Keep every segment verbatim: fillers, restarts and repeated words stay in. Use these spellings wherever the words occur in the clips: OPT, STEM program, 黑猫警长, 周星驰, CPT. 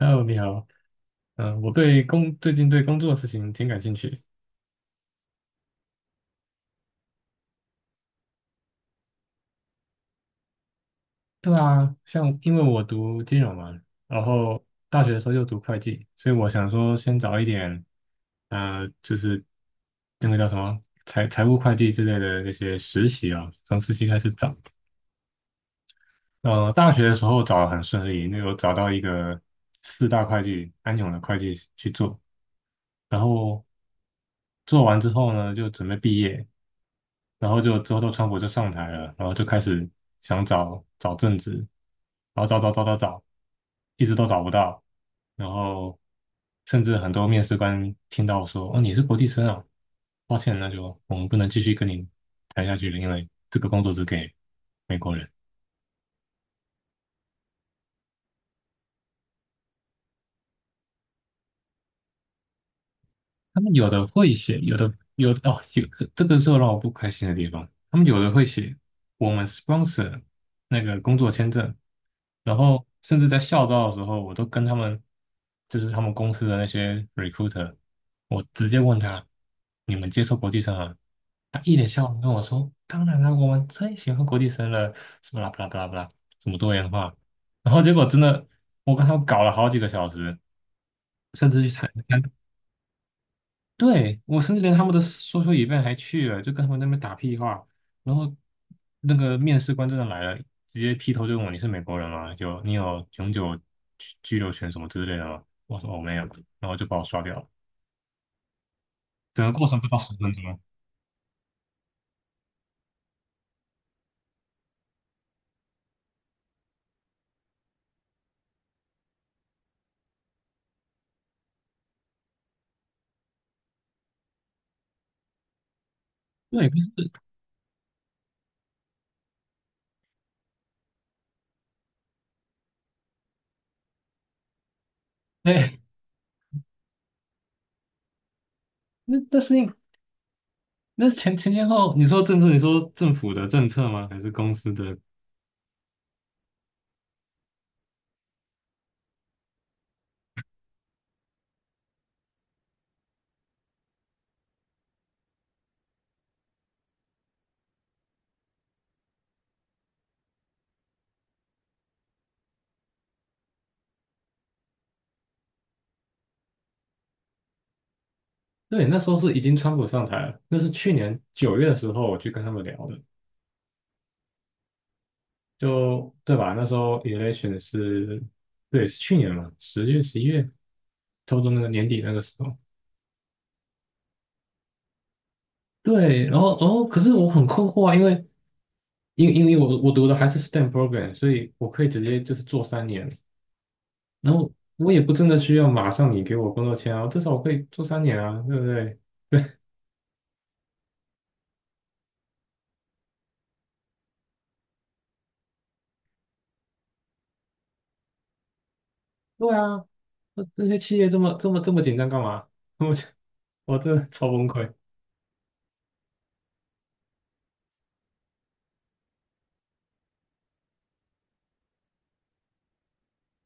Hello，你好。嗯，我对工最近对工作的事情挺感兴趣。对啊，像因为我读金融嘛，然后大学的时候又读会计，所以我想说先找一点，呃，就是那个叫什么财财务会计之类的那些实习啊，从实习开始找。呃，大学的时候找得很顺利，那有找到一个四大会计安永的会计去做，然后做完之后呢，就准备毕业。然后就之后都川普就上台了，然后就开始想找找政治，然后找找找找找，一直都找不到，然后甚至很多面试官听到说："哦，你是国际生啊，抱歉，那就我们不能继续跟你谈下去了，因为这个工作只给美国人。"他们有的会写，有的有的哦，有这个是让我不开心的地方。他们有的会写我们 sponsor 那个工作签证，然后甚至在校招的时候，我都跟他们就是他们公司的那些 recruiter，我直接问他你们接受国际生啊？他一脸笑容跟我说："当然啦，我们最喜欢国际生了，什么啦不啦不啦不啦，什么多元化。"然后结果真的，我跟他们搞了好几个小时，甚至去参参对，我甚至连他们的说 o c i 还去了，就跟他们那边打屁话，然后那个面试官真的来了，直接劈头就问我你是美国人吗？就你有永久居居留权什么之类的吗？我说我没有，然后就把我刷掉了，整个过程不到十分钟。对，哎，那那是因那是前前前后，你说政策，你说政府的政策吗？还是公司的？对，那时候是已经川普上台了，那是去年九月的时候我去跟他们聊的。就对吧？那时候 election 是，对，是去年嘛，十月、十一月，差不多那个年底那个时候。对，然后，然后，可是我很困惑啊，因为，因为，因为我我读的还是 stem program，所以我可以直接就是做三年，然后我也不真的需要马上你给我工作签啊，至少我可以做三年啊，对不对？对，对啊，那那些企业这么这么这么紧张干嘛？我就我真的超崩溃。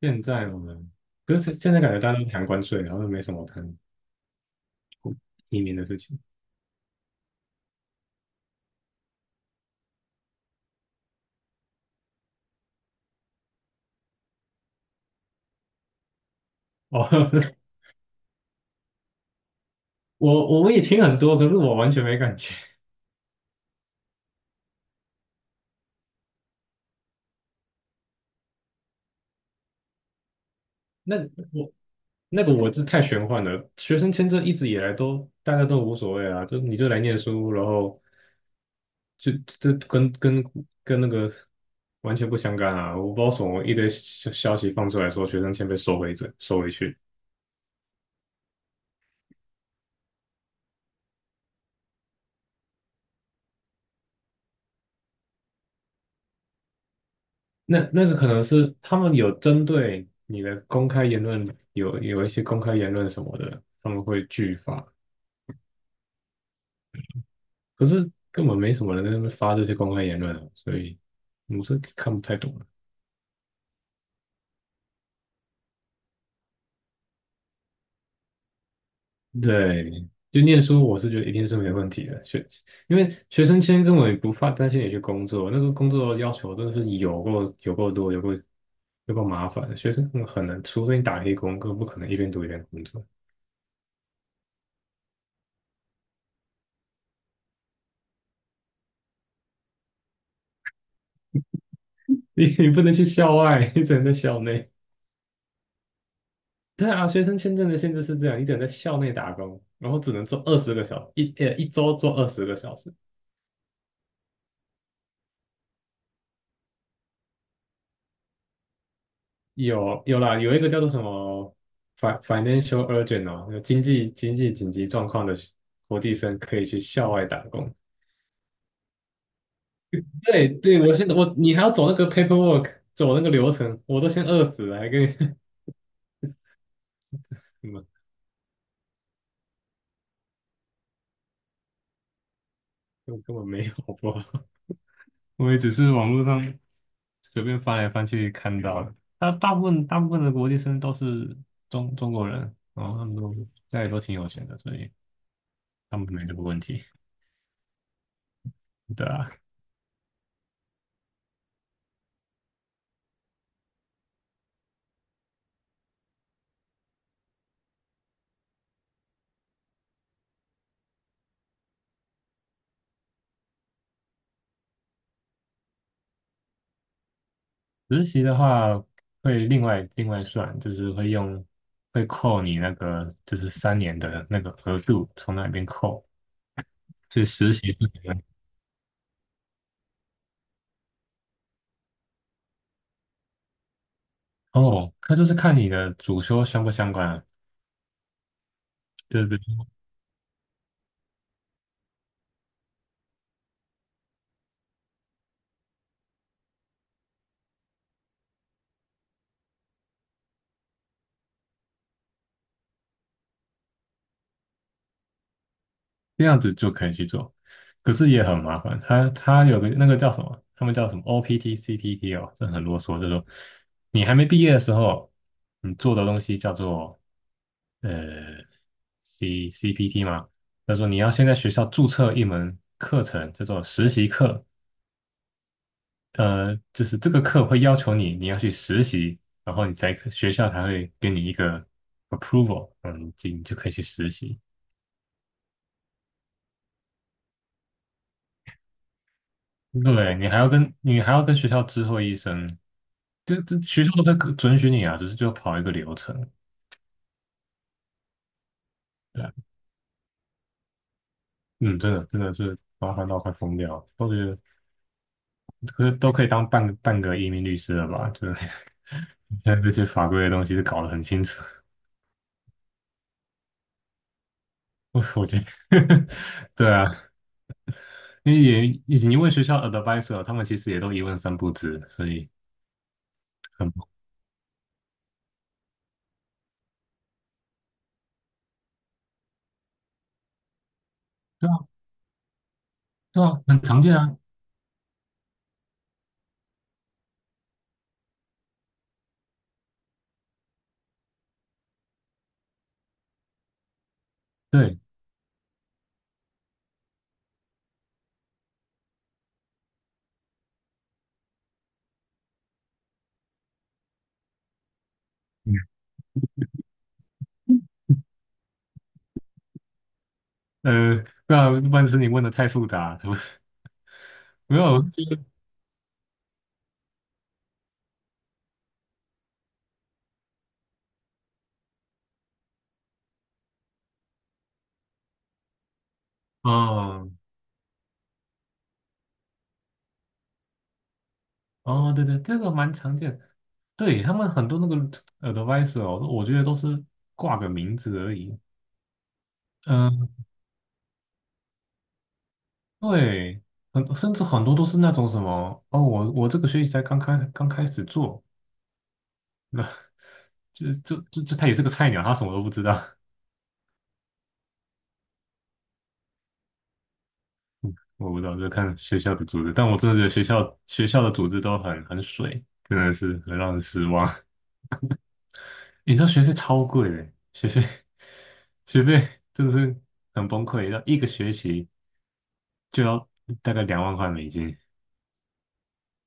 现在我们，可是现在感觉大家都谈关税，然后都没什么谈移民的事情。哦，我我也听很多，可是我完全没感觉。那我那个我是太玄幻了。学生签证一直以来都大家都无所谓啊，就你就来念书，然后就这跟跟跟那个完全不相干啊。我不知道什么一堆消消息放出来说学生签被收回这收回去，那那个可能是他们有针对你的公开言论有有一些公开言论什么的，他们会拒发。可是根本没什么人在那边发这些公开言论啊，所以我是看不太懂了。对，就念书，我是觉得一定是没问题的。学，因为学生签根本也不怕担心你去工作，那时候工作要求真的是有够有够多，有够有够麻烦。学生很很难，除非你打黑工，根本不可能一边读一边工作。你你不能去校外，你只能在校内。对啊，学生签证的限制是这样，你只能在校内打工，然后只能做二十个小时，一呃一周做二十个小时。有有啦，有一个叫做什么 fi- financial urgent 哦，有经济经济紧急状况的国际生可以去校外打工。对对，我现在我你还要走那个 paperwork，走那个流程，我都先饿死了，还跟你 什么？根本根本没有，好不好？我也只是网络上随便翻来翻去看到的。他大部分大部分的国际生都是中中国人，然后他们都家里都挺有钱的，所以他们没这个问题。对啊，实习的话会另外另外算，就是会用会扣你那个就是三年的那个额度从那边扣，所以实习是可能哦，他就是看你的主修相不相关啊，对对？这样子就可以去做，可是也很麻烦。他他有个那个叫什么，他们叫什么 O P T、C P T 哦，这很啰嗦，就是说你还没毕业的时候，你做的东西叫做呃 C CPT 嘛，他说你要先在学校注册一门课程，叫做实习课，呃，就是这个课会要求你你要去实习，然后你才可学校才会给你一个 approval，嗯，你就你就可以去实习。对，你还要跟你还要跟学校知会一声，这这学校都在准许你啊，只是就要跑一个流程。对啊嗯，真的真的是麻烦到快疯掉，都觉得可是都可以当半个半个移民律师了吧？就是 现在这些法规的东西是搞得很清楚，我我觉得，对啊，因为也以及因为学校 advisor 他们其实也都一问三不知。所以很对啊对啊，很常见啊，对。嗯呃对啊，一般是你问的太复杂，没有。嗯哦对对，这个蛮常见，对，他们很多那个 advisor，哦我觉得都是挂个名字而已。嗯对。很甚至很多都是那种什么哦我我这个学期才刚开刚开始做。就就就就他也是个菜鸟，他什么都不知道，我不知道，就看学校的组织。但我真的觉得学校学校的组织都很很水，真的是很让人失望。你知道学费超贵的，学费学费真的是很崩溃，要一个学期就要大概两万块美金，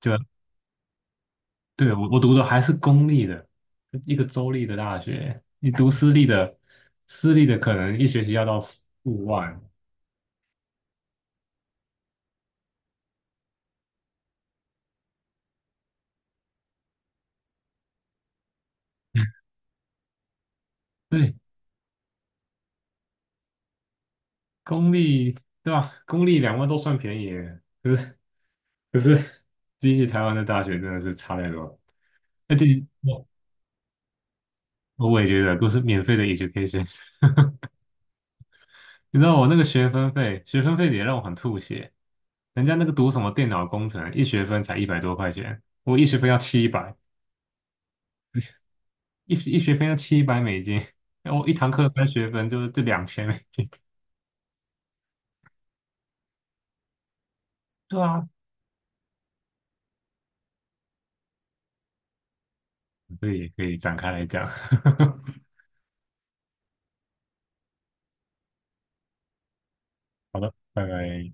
就要对，我我读的还是公立的，一个州立的大学，你读私立的，私立的可能一学期要到四五万。对，公立对吧？公立两万都算便宜耶，可是可是比起台湾的大学真的是差太多了。而且我我也觉得都是免费的 education，你知道我那个学分费，学分费，也让我很吐血。人家那个读什么电脑工程，一学分才一百多块钱，我一学分要七百，一一学分要七百美金，然后我一堂课三学分就就两千美金。对啊，这也可以展开来讲。好的，拜拜。